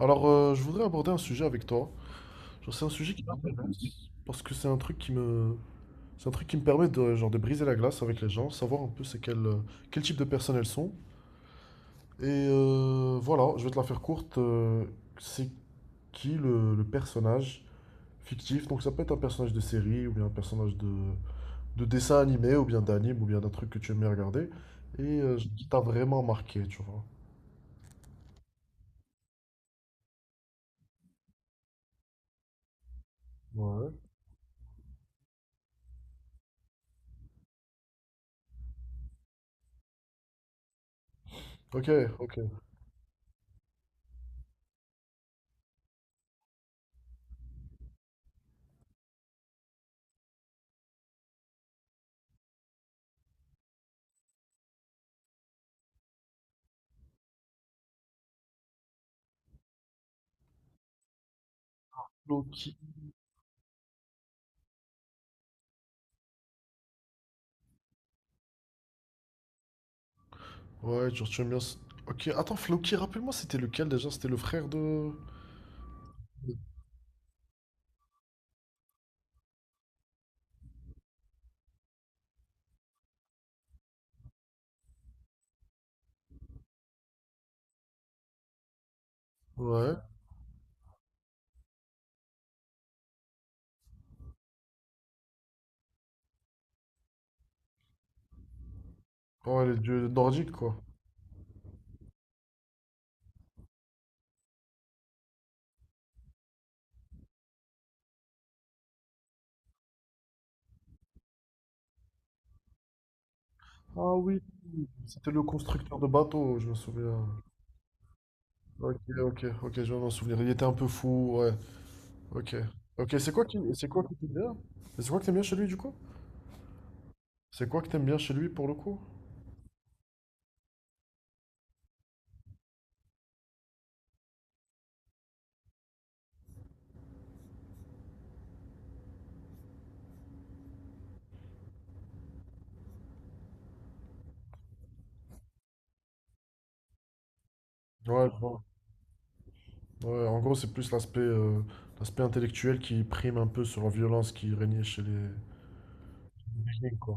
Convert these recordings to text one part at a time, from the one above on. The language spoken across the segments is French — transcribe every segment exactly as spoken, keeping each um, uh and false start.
Alors, euh, je voudrais aborder un sujet avec toi. Genre, c'est un sujet qui m'intéresse parce que c'est un truc qui me, c'est un truc qui me permet de, genre, de briser la glace avec les gens, savoir un peu c'est quel, euh, quel type de personnes elles sont. Et euh, voilà, je vais te la faire courte. euh, c'est qui le, le personnage fictif? Donc, ça peut être un personnage de série ou bien un personnage de, de dessin animé ou bien d'anime ou bien d'un truc que tu aimes bien regarder et euh, qui t'a vraiment marqué, tu vois. Ouais. Ok, ok. Donc, ouais, genre tu aimes bien. ce- Ok, attends, Floki, rappelle-moi, c'était lequel déjà? C'était le frère de. Ouais. Ouais, les dieux nordiques, quoi. Ah oui, c'était le constructeur de bateaux, je me souviens. Ok, ok, ok, je viens de m'en souvenir. Il était un peu fou, ouais. Ok. Ok, c'est quoi qui, c'est quoi que t'aimes bien? Et c'est quoi que t'aimes bien chez lui, du coup? C'est quoi que t'aimes bien chez lui, pour le coup? Ouais, je vois. Ouais, en gros, c'est plus l'aspect euh, l'aspect intellectuel qui prime un peu sur la violence qui régnait chez les Vikings, quoi.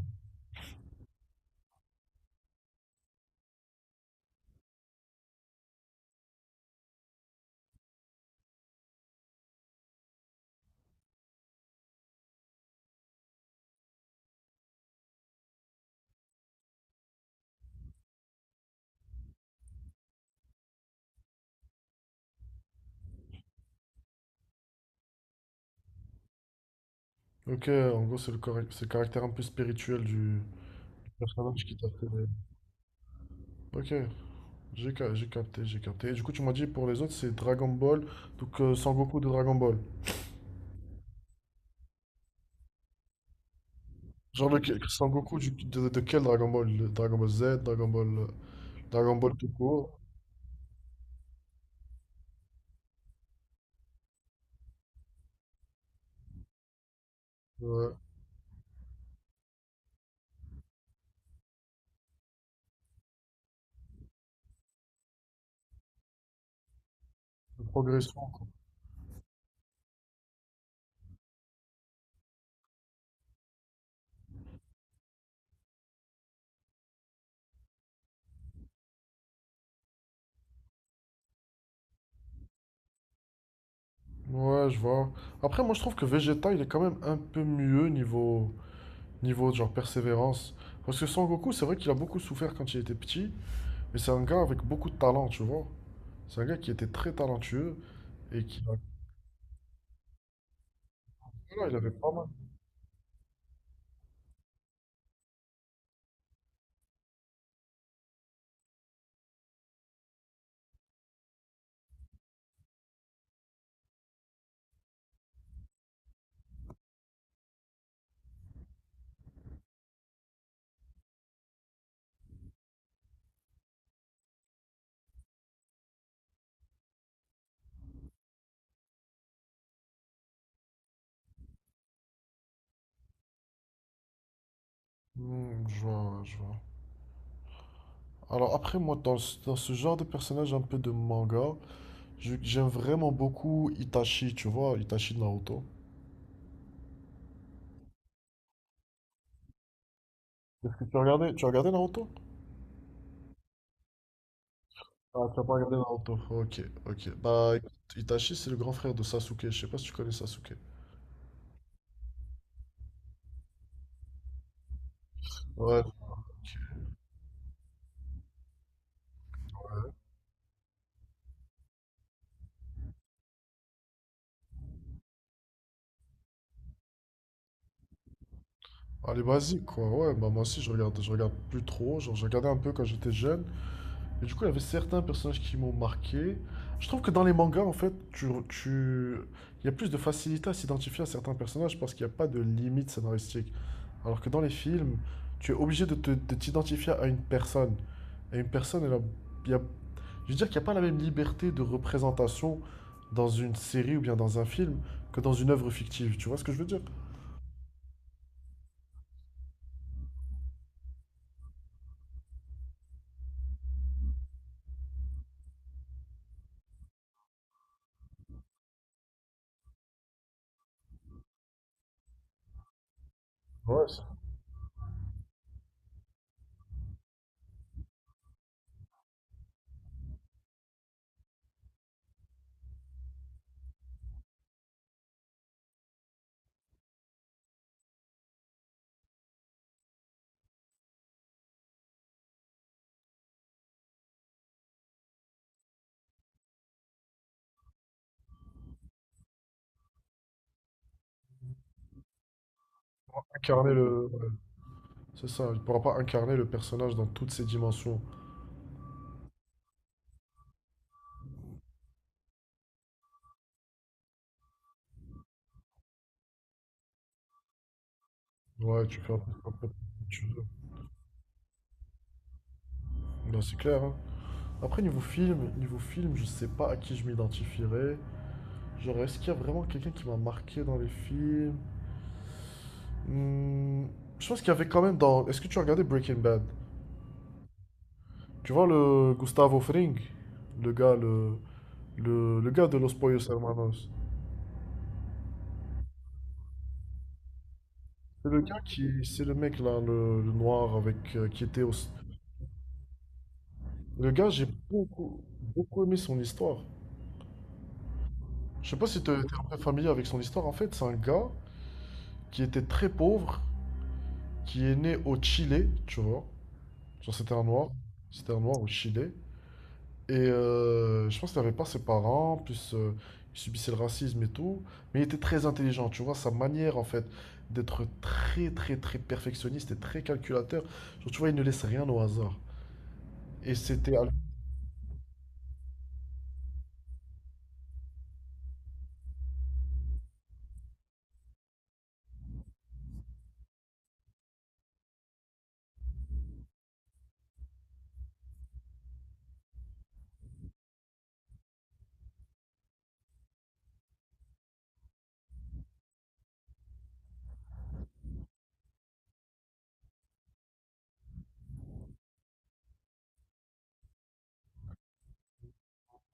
Ok, en gros, c'est le, correct- c'est le caractère un peu spirituel du personnage qui t'a fait. Ok, j'ai ca- j'ai capté, j'ai capté. Et du coup, tu m'as dit pour les autres, c'est Dragon Ball, donc euh, Sangoku de Dragon Ball. Genre, lequel- Sangoku du- de, de quel Dragon Ball? Le Dragon Ball Z, Dragon Ball, euh, Dragon Ball tout court, euh, la progression, quoi. Ouais, je vois. Après, moi, je trouve que Vegeta, il est quand même un peu mieux niveau, niveau genre persévérance. Parce que Sangoku, c'est vrai qu'il a beaucoup souffert quand il était petit. Mais c'est un gars avec beaucoup de talent, tu vois. C'est un gars qui était très talentueux et qui, voilà, il avait pas mal. Hmm, je vois, ouais, je vois. Alors après, moi, dans ce, dans ce genre de personnage un peu de manga, je- j'aime vraiment beaucoup Itachi, tu vois, Itachi de Naruto. Tu as regardé, tu as regardé Naruto? Ah, tu n'as pas regardé Naruto. Ok, ok. Bah, écoute, Itachi, c'est le grand frère de Sasuke. Je sais pas si tu connais Sasuke. Ouais, ok. Allez, basique, quoi. Ouais, bah moi aussi, je regarde, je regarde plus trop. Genre, je regardais un peu quand j'étais jeune. Et du coup, il y avait certains personnages qui m'ont marqué. Je trouve que dans les mangas, en fait, tu, tu- il y a plus de facilité à s'identifier à certains personnages parce qu'il n'y a pas de limite scénaristique. Alors que dans les films, tu es obligé de te- de t'identifier à une personne. Et une personne, elle a- il y a- je veux dire qu'il n'y a pas la même liberté de représentation dans une série ou bien dans un film que dans une œuvre fictive. Tu vois ce que je veux dire? Ouais, c'est pas incarner le ouais. C'est ça, il ne pourra pas incarner le personnage dans toutes ses dimensions. Ouais, tu fais un peu un peu comme tu veux. Non, c'est clair, hein. Après, niveau film, niveau film, je sais pas à qui je m'identifierais. Genre, est-ce qu'il y a vraiment quelqu'un qui m'a marqué dans les films? Hmm, je pense qu'il y avait quand même dans. Est-ce que tu as regardé Breaking Bad? Tu vois le Gustavo Fring, le gars, le, le, le gars de Los Pollos Hermanos. C'est le gars qui, c'est le mec là, le, le noir avec euh, qui était au. Le gars, j'ai beaucoup, beaucoup aimé son histoire. Je sais pas si tu es familier avec son histoire. En fait, c'est un gars qui était très pauvre qui est né au Chili, tu vois. Genre, c'était un noir. C'était un noir au Chili. Et euh, je pense qu'il n'avait pas ses parents, plus euh, il subissait le racisme et tout. Mais il était très intelligent, tu vois. Sa manière, en fait, d'être très, très, très perfectionniste et très calculateur. Genre, tu vois, il ne laisse rien au hasard. Et c'était. À-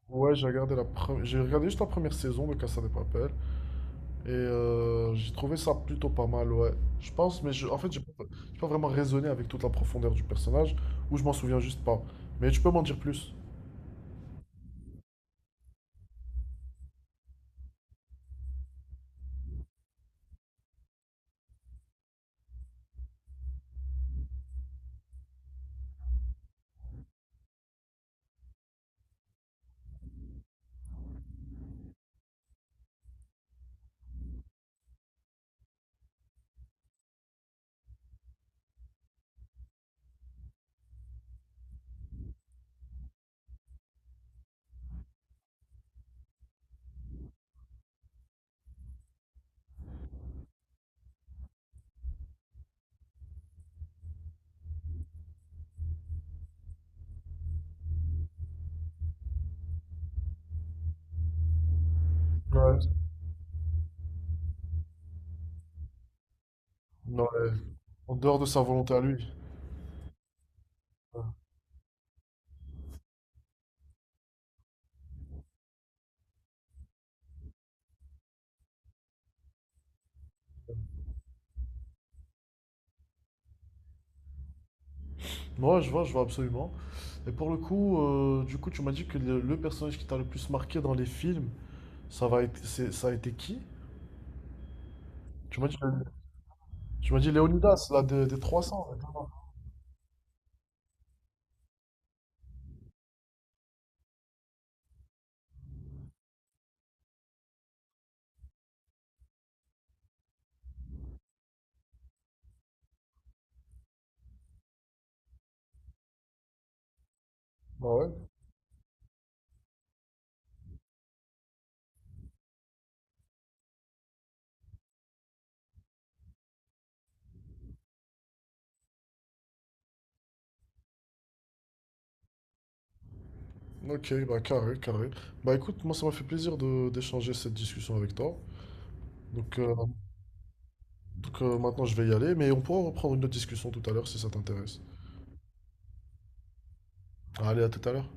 Ouais, j'ai regardé la pre- j'ai regardé juste la première saison de Casa de Papel. Et euh, j'ai trouvé ça plutôt pas mal, ouais. Je pense, mais je, en fait, j'ai pas, j'ai pas vraiment raisonné avec toute la profondeur du personnage, ou je m'en souviens juste pas. Mais tu peux m'en dire plus. Ouais. Ouais. En dehors de sa volonté à lui. Ouais, ouais, je vois, je vois absolument. Et pour le coup, euh, du coup, tu m'as dit que le, le personnage qui t'a le plus marqué dans les films, ça va être, c'est- ça a été qui? Tu m'as dit, tu m'as dit Léonidas, là, de- des trois cents, exactement. Bah ouais. Ok, bah carré, carré. Bah écoute, moi, ça m'a fait plaisir de d'échanger cette discussion avec toi. Donc, euh, donc, euh, maintenant je vais y aller, mais on pourra reprendre une autre discussion tout à l'heure si ça t'intéresse. Allez, à tout à l'heure.